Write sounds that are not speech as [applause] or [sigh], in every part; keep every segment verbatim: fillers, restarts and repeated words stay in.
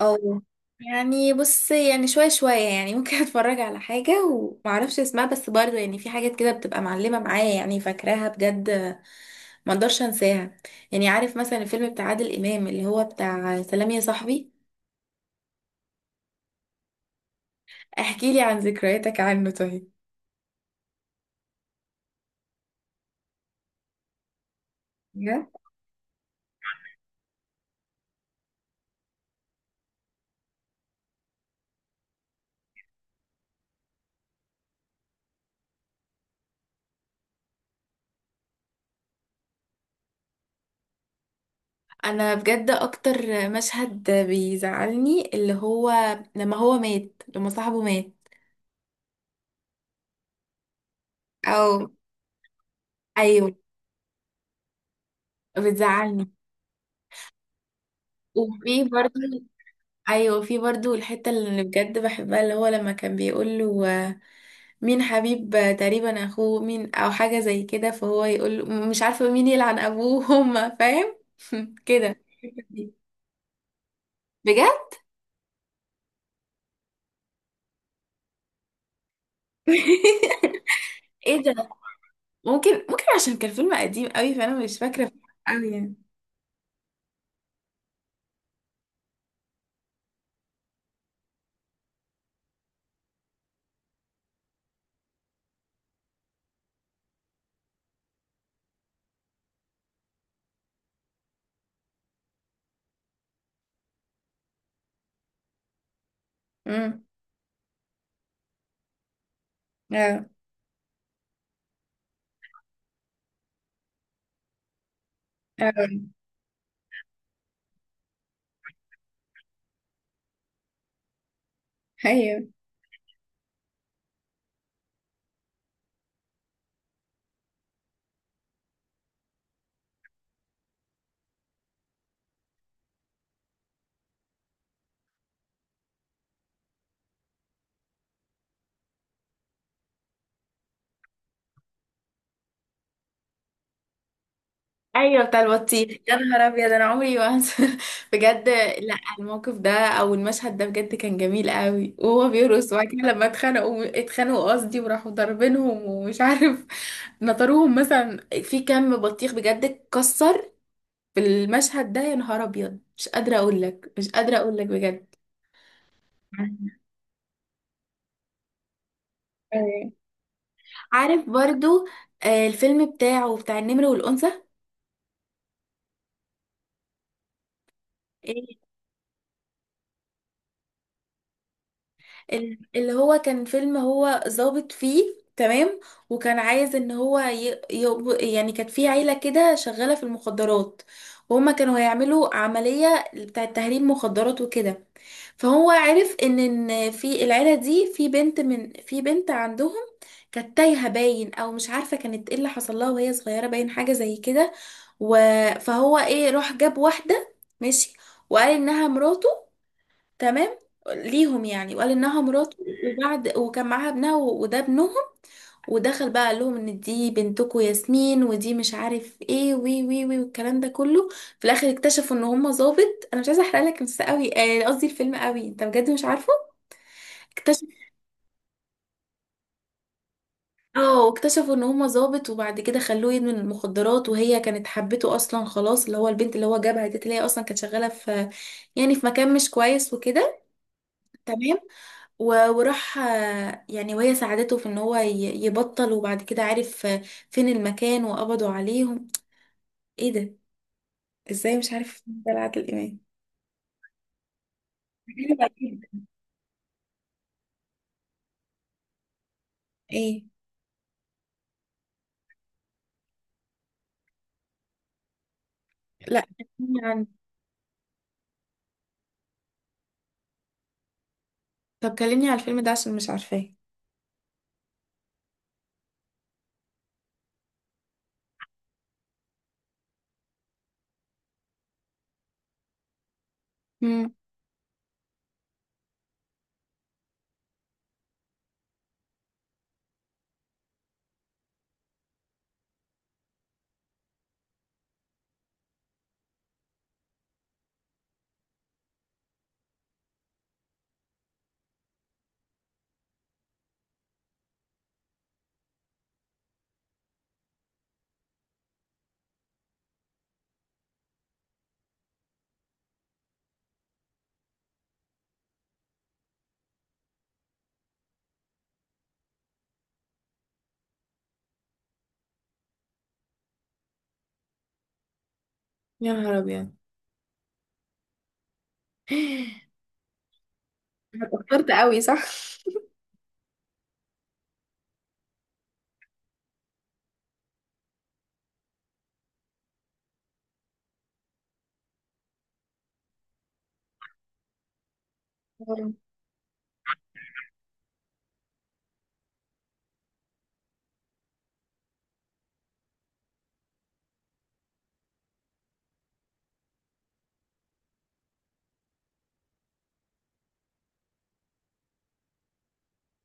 او يعني بص، يعني شوية شوية، يعني ممكن [laughs] اتفرج على حاجة ومعرفش اسمها، بس برضو يعني في حاجات كده بتبقى معلمة معايا يعني فاكراها بجد. ما اقدرش انساها. يعني عارف مثلا الفيلم بتاع عادل امام اللي هو بتاع سلام يا صاحبي. احكي لي عن ذكرياتك عنه طيب. بجد؟ انا بجد اكتر مشهد بيزعلني اللي هو لما هو مات، لما صاحبه مات. او. ايوه. بتزعلني. وفي برضو. ايوه في برضو الحته اللي بجد بحبها، اللي هو لما كان بيقول له آه، مين حبيب، آه، تقريبا اخوه مين او حاجه زي كده، فهو يقول له مش عارفه مين يلعن ابوه، هما فاهم [laughs] كده. بجد. [laughs] ايه ده. ممكن ممكن عشان كان فيلم قديم قوي، فانا مش فاكره قوي يعني. امم اه اه. ايوه ايوه بتاع البطيخ، يا نهار ابيض انا عمري ما هنسى. [laughs] بجد، لا الموقف ده او المشهد ده بجد كان جميل قوي، وهو بيرقص وبعد كده لما اتخانقوا، اتخانقوا قصدي، وراحوا ضاربينهم ومش عارف. [laughs] نطروهم مثلا. في كم بطيخ بجد اتكسر في المشهد ده. يا نهار ابيض، مش قادره اقول لك، مش قادره اقول لك بجد. أيوة. عارف برضو آه، الفيلم بتاعه بتاع النمر والانثى. ال- اللي هو كان فيلم هو ظابط فيه، تمام، وكان عايز ان هو ي... ي... يعني كانت في عيلة كده شغالة في المخدرات، وهما كانوا هيعملوا عملية بتاعة تهريب مخدرات وكده. فهو عرف ان إن في العيلة دي في بنت، من في بنت عندهم كانت تايهة باين، او مش عارفة كانت ايه اللي حصل لها وهي صغيرة باين حاجة زي كده. و... فهو ايه راح جاب واحدة، ماشي، وقال انها مراته، تمام، ليهم يعني، وقال انها مراته، وبعد وكان معاها ابنها و- وده ابنهم. ودخل بقى قال لهم ان دي بنتكم ياسمين ودي مش عارف ايه وي وي وي والكلام ده كله. في الاخر اكتشفوا ان هم ظابط. انا مش عايزه احرق لك بس قوي، آه، قصدي الفيلم قوي، انت بجد مش عارفه. اكتشف. اه، واكتشفوا ان هم ظابط، وبعد كده خلوه يدمن المخدرات، وهي كانت حبته اصلا، خلاص اللي هو البنت اللي هو جابها دي اللي هي اصلا كانت شغاله في يعني في مكان مش كويس وكده. تمام. و- وراح آه، يعني وهي ساعدته في ان هو ي- يبطل، وبعد كده عارف آه، فين المكان وقبضوا عليهم. ايه ده، ازاي؟ مش عارف، ده عادل امام. حلوة جدا. ايه. لا، كلمني عن. طب كلمني على الفيلم ده عشان مش عارفاه. مم. يا نهار ابيض. [laughs] اتأثرت قوي صح.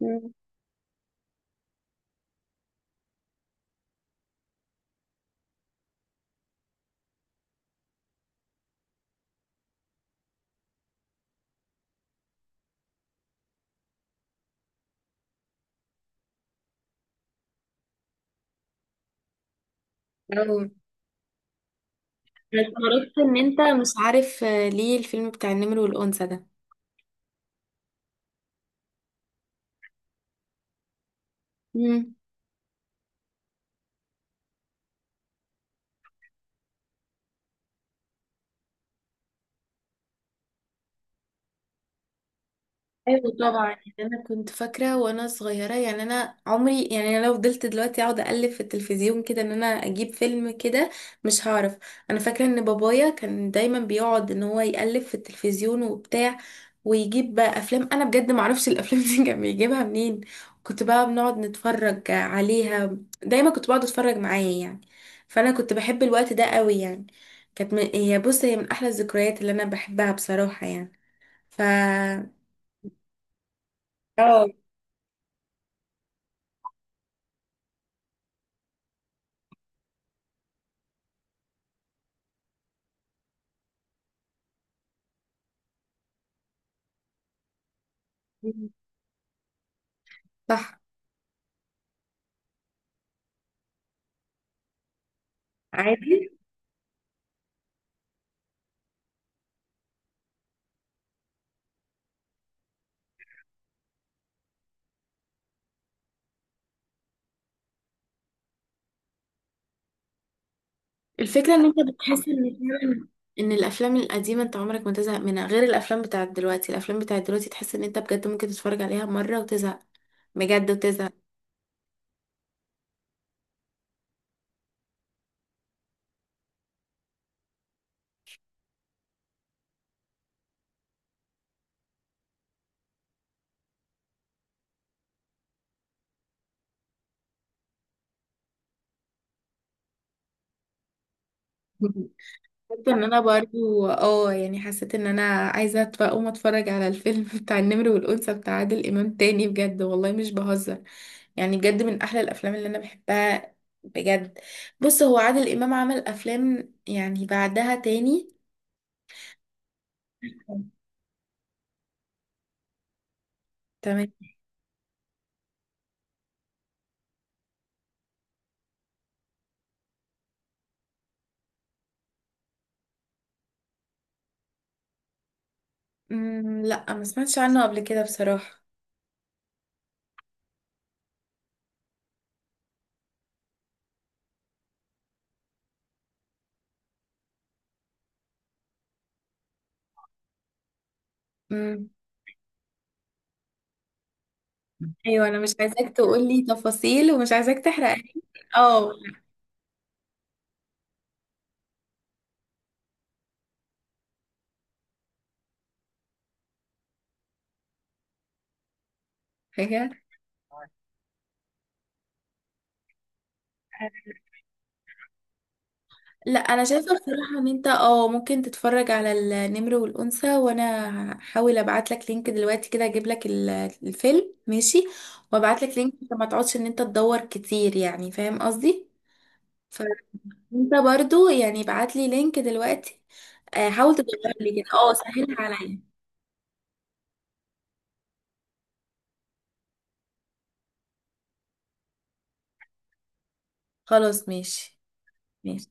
مم. أوي. أنا استغربت ان انت مش عارف آه، ليه الفيلم بتاع النمر والانثى ده. ايوه طبعا، يعني انا كنت فاكره وانا صغيره، يعني انا عمري، يعني انا لو فضلت دلوقتي اقعد اقلب في التلفزيون كده ان انا اجيب فيلم كده مش هعرف. انا فاكره ان بابايا كان دايما بيقعد ان هو يقلب في التلفزيون وبتاع، ويجيب بقى افلام انا بجد ما اعرفش [laughs] الافلام دي كان بيجيبها منين. كنت بقى بنقعد نتفرج عليها، دايما كنت بقعد اتفرج معاه يعني، فانا كنت بحب الوقت ده قوي يعني. كانت من... هي بص، هي من احلى الذكريات اللي انا بحبها بصراحه يعني. ف اه. صح. عادي. الفكرة ان انت بتحس ان فعلا ان الافلام القديمة انت عمرك ما تزهق منها، غير الافلام بتاعت دلوقتي. الافلام بتاعت دلوقتي تحس ان انت بجد ممكن تتفرج عليها مرة وتزهق، بجد وتزهق. [laughs] حسيت ان انا برضو اه يعني حسيت ان انا عايزة أتف- اقوم اتفرج على الفيلم [laughs] بتاع النمر والانثى بتاع عادل امام تاني، بجد والله مش بهزر، يعني بجد من احلى الافلام اللي انا بحبها بجد. بص هو عادل امام عمل افلام يعني بعدها تاني. تمام. مم، لا ما سمعتش عنه قبل كده بصراحة. مم. ايوه، انا مش عايزاك تقولي تفاصيل ومش عايزاك تحرق. اه. حاجة. لا انا شايفة بصراحة ان انت اه ممكن تتفرج على النمر والانثى. وانا هحاول ابعت لك لينك دلوقتي كده اجيب لك ال- الفيلم، ماشي، وابعت لك لينك عشان ما تقعدش ان انت تدور كتير، يعني فاهم قصدي. فانت برضو يعني ابعت لي لينك دلوقتي، آه، حاول تدور لي كده، اه سهلها عليا. خلاص، ماشي، ماشي